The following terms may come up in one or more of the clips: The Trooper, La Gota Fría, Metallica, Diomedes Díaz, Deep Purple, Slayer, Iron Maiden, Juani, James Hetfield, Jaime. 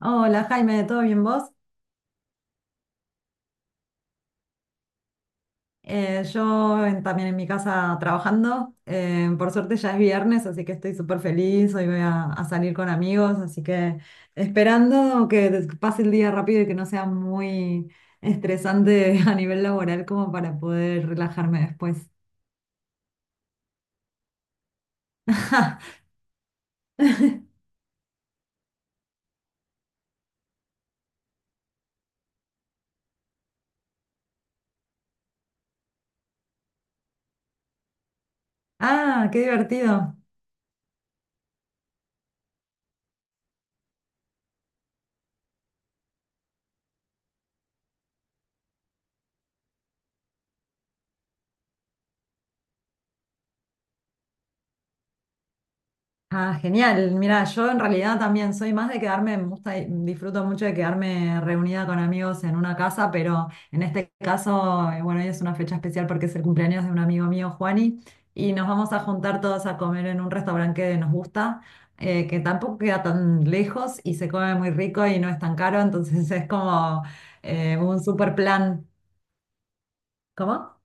Hola Jaime, ¿todo bien vos? Yo también en mi casa trabajando. Por suerte ya es viernes, así que estoy súper feliz. Hoy voy a salir con amigos, así que esperando que pase el día rápido y que no sea muy estresante a nivel laboral como para poder relajarme después. Ah, qué divertido. Ah, genial. Mira, yo en realidad también soy más de quedarme, me gusta, y disfruto mucho de quedarme reunida con amigos en una casa, pero en este caso, bueno, hoy es una fecha especial porque es el cumpleaños de un amigo mío, Juani, y nos vamos a juntar todos a comer en un restaurante que nos gusta, que tampoco queda tan lejos y se come muy rico y no es tan caro, entonces es como un super plan. ¿Cómo?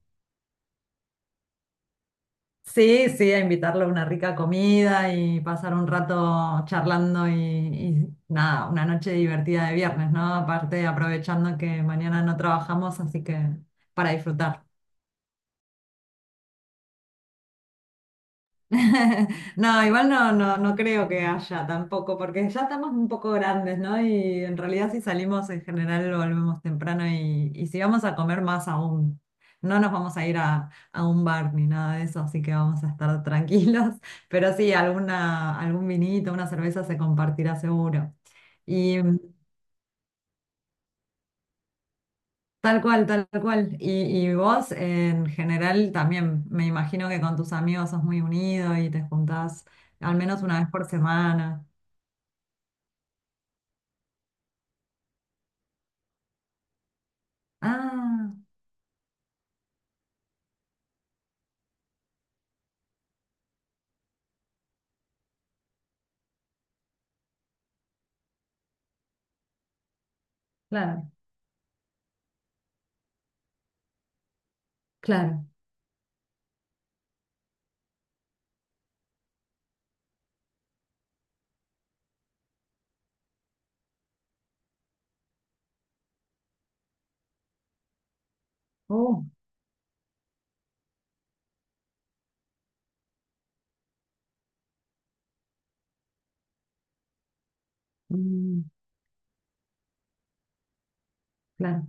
Sí, sí, a invitarlo a una rica comida y pasar un rato charlando y nada, una noche divertida de viernes, ¿no? Aparte aprovechando que mañana no trabajamos, así que para disfrutar. No, igual no, no, no creo que haya tampoco, porque ya estamos un poco grandes, ¿no? Y en realidad si salimos en general volvemos temprano y si vamos a comer más aún, no nos vamos a ir a un bar ni nada de eso, así que vamos a estar tranquilos, pero sí, algún vinito, una cerveza se compartirá seguro. Y mm, tal cual, tal cual. Y vos en general también, me imagino que con tus amigos sos muy unido y te juntás al menos una vez por semana. Ah, claro, claro. Oh, mm, claro,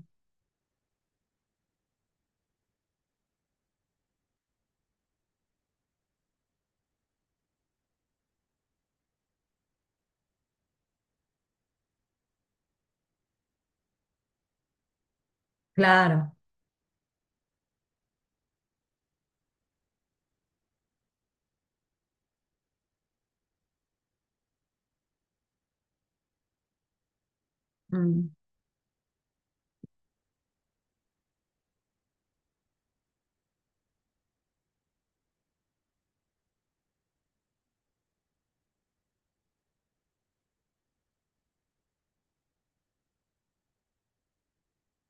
claro. Mm.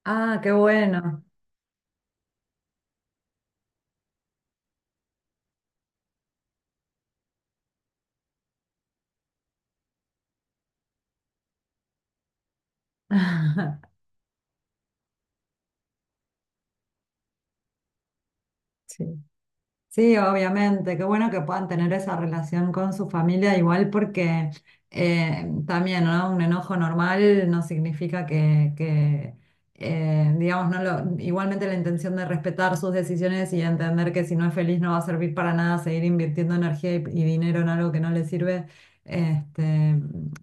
Ah, qué bueno. Sí. Sí, obviamente, qué bueno que puedan tener esa relación con su familia, igual porque también, ¿no? Un enojo normal no significa digamos, no lo- igualmente la intención de respetar sus decisiones y entender que si no es feliz no va a servir para nada seguir invirtiendo energía y dinero en algo que no le sirve. Este,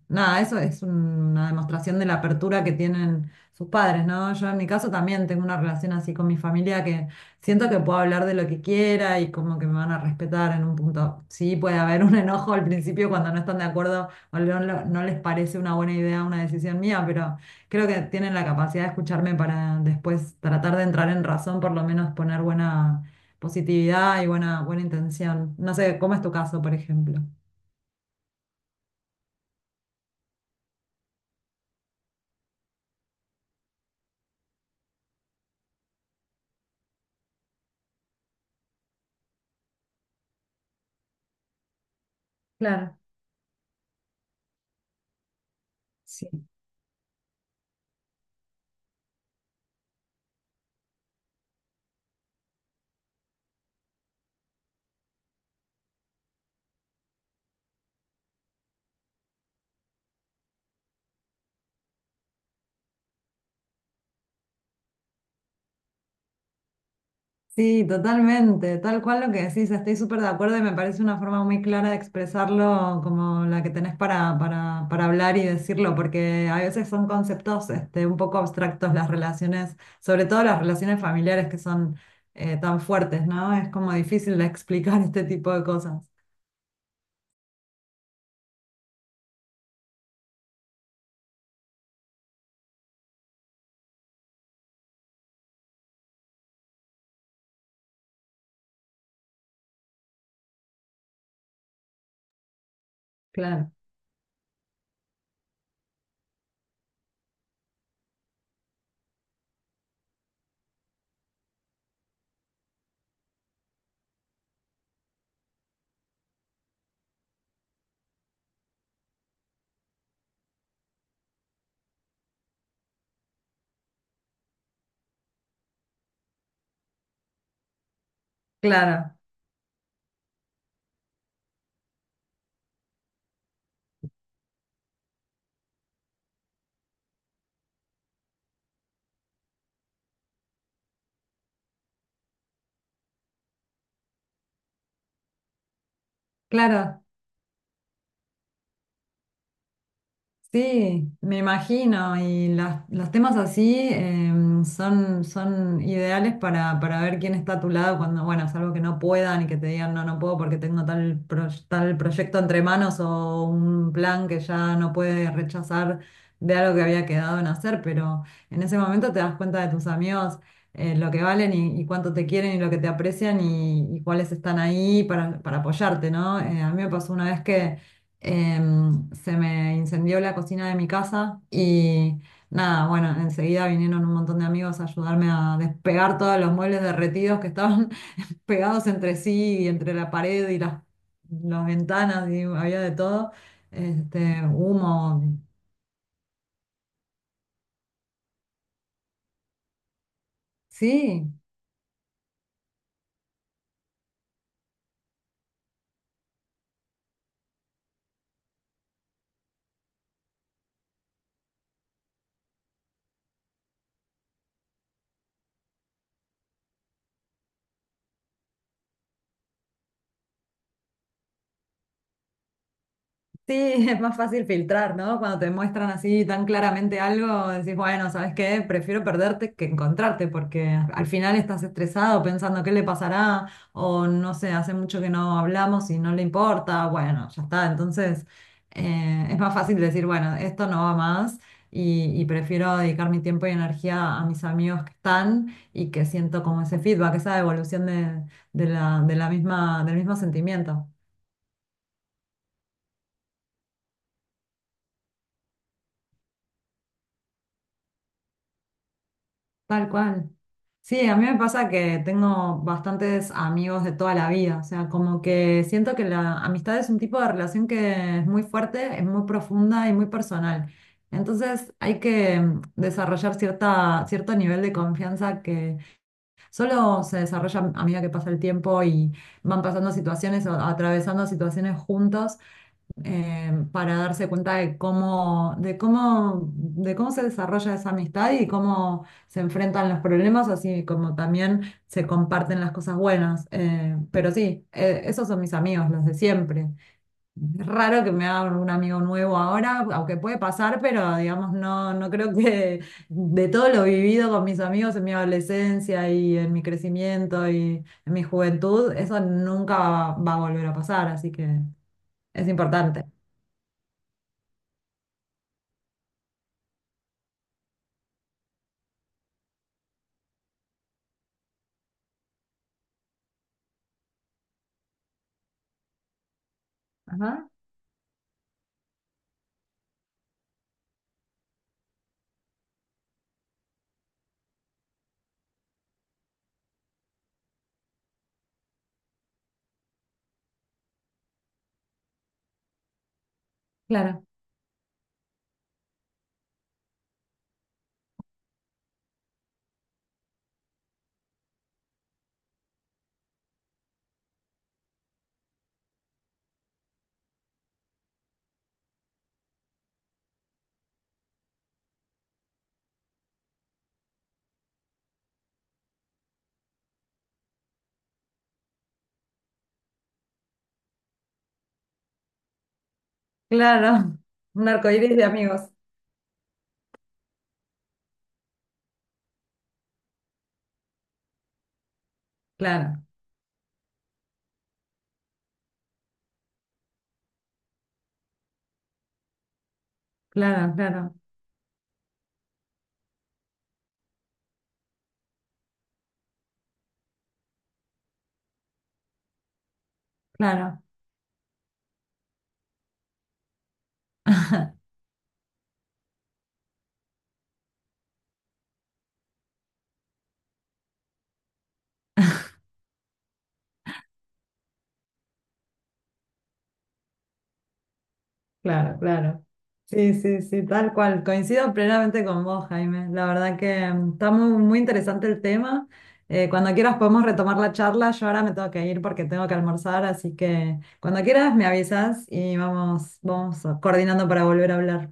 nada, eso es una demostración de la apertura que tienen sus padres, ¿no? Yo en mi caso también tengo una relación así con mi familia. Siento que puedo hablar de lo que quiera y como que me van a respetar en un punto. Sí, puede haber un enojo al principio cuando no están de acuerdo o no, no les parece una buena idea una decisión mía, pero creo que tienen la capacidad de escucharme para después tratar de entrar en razón, por lo menos poner buena positividad y buena, buena intención. No sé, ¿cómo es tu caso, por ejemplo? Claro, sí. Sí, totalmente, tal cual lo que decís, estoy súper de acuerdo y me parece una forma muy clara de expresarlo como la que tenés para hablar y decirlo, porque a veces son conceptos este, un poco abstractos las relaciones, sobre todo las relaciones familiares que son tan fuertes, ¿no? Es como difícil de explicar este tipo de cosas. Claro, claro, claro. Sí, me imagino, los temas así em, son ideales para ver quién está a tu lado cuando, bueno, salvo que no puedan y que te digan, no, no puedo porque tengo tal proyecto entre manos o un plan que ya no puede rechazar de algo que había quedado en hacer, pero en ese momento te das cuenta de tus amigos, lo que valen y cuánto te quieren y lo que te aprecian y cuáles están ahí para apoyarte, ¿no? A mí me pasó una vez que... Em, se me incendió la cocina de mi casa y nada, bueno, enseguida vinieron un montón de amigos a ayudarme a despegar todos los muebles derretidos que estaban pegados entre sí y entre la pared y las ventanas y había de todo, este, humo, sí. Sí, es más fácil filtrar, ¿no? Cuando te muestran así tan claramente algo, decís, bueno, ¿sabes qué? Prefiero perderte que encontrarte, porque al final estás estresado pensando qué le pasará, o no sé, hace mucho que no hablamos y no le importa, bueno, ya está. Entonces, es más fácil decir, bueno, esto no va más y prefiero dedicar mi tiempo y energía a mis amigos que están y que siento como ese feedback, esa evolución de la misma, del mismo sentimiento. Tal cual. Sí, a mí me pasa que tengo bastantes amigos de toda la vida, o sea, como que siento que la amistad es un tipo de relación que es muy fuerte, es muy profunda y muy personal. Entonces hay que mm, desarrollar cierta, cierto nivel de confianza que solo se desarrolla a medida que pasa el tiempo y van pasando situaciones o atravesando situaciones juntos para darse cuenta de cómo se desarrolla esa amistad y cómo se enfrentan los problemas, así como también se comparten las cosas buenas. Pero sí, esos son mis amigos, los de siempre. Es raro que me haga un amigo nuevo ahora, aunque puede pasar, pero digamos, no, no creo que de todo lo vivido con mis amigos en mi adolescencia y en mi crecimiento y en mi juventud, eso nunca va a volver a pasar, así que es importante. Ajá, claro, claro. Un arcoíris de amigos. Claro, claro, claro, claro, claro, claro. Sí, sí, sí, tal cual. Coincido plenamente con vos, Jaime. La verdad que mm, está muy, muy interesante el tema. Cuando quieras podemos retomar la charla. Yo ahora me tengo que ir porque tengo que almorzar, así que cuando quieras me avisas y vamos, vamos coordinando para volver a hablar.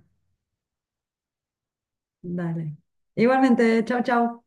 Dale. Igualmente, chau, chau.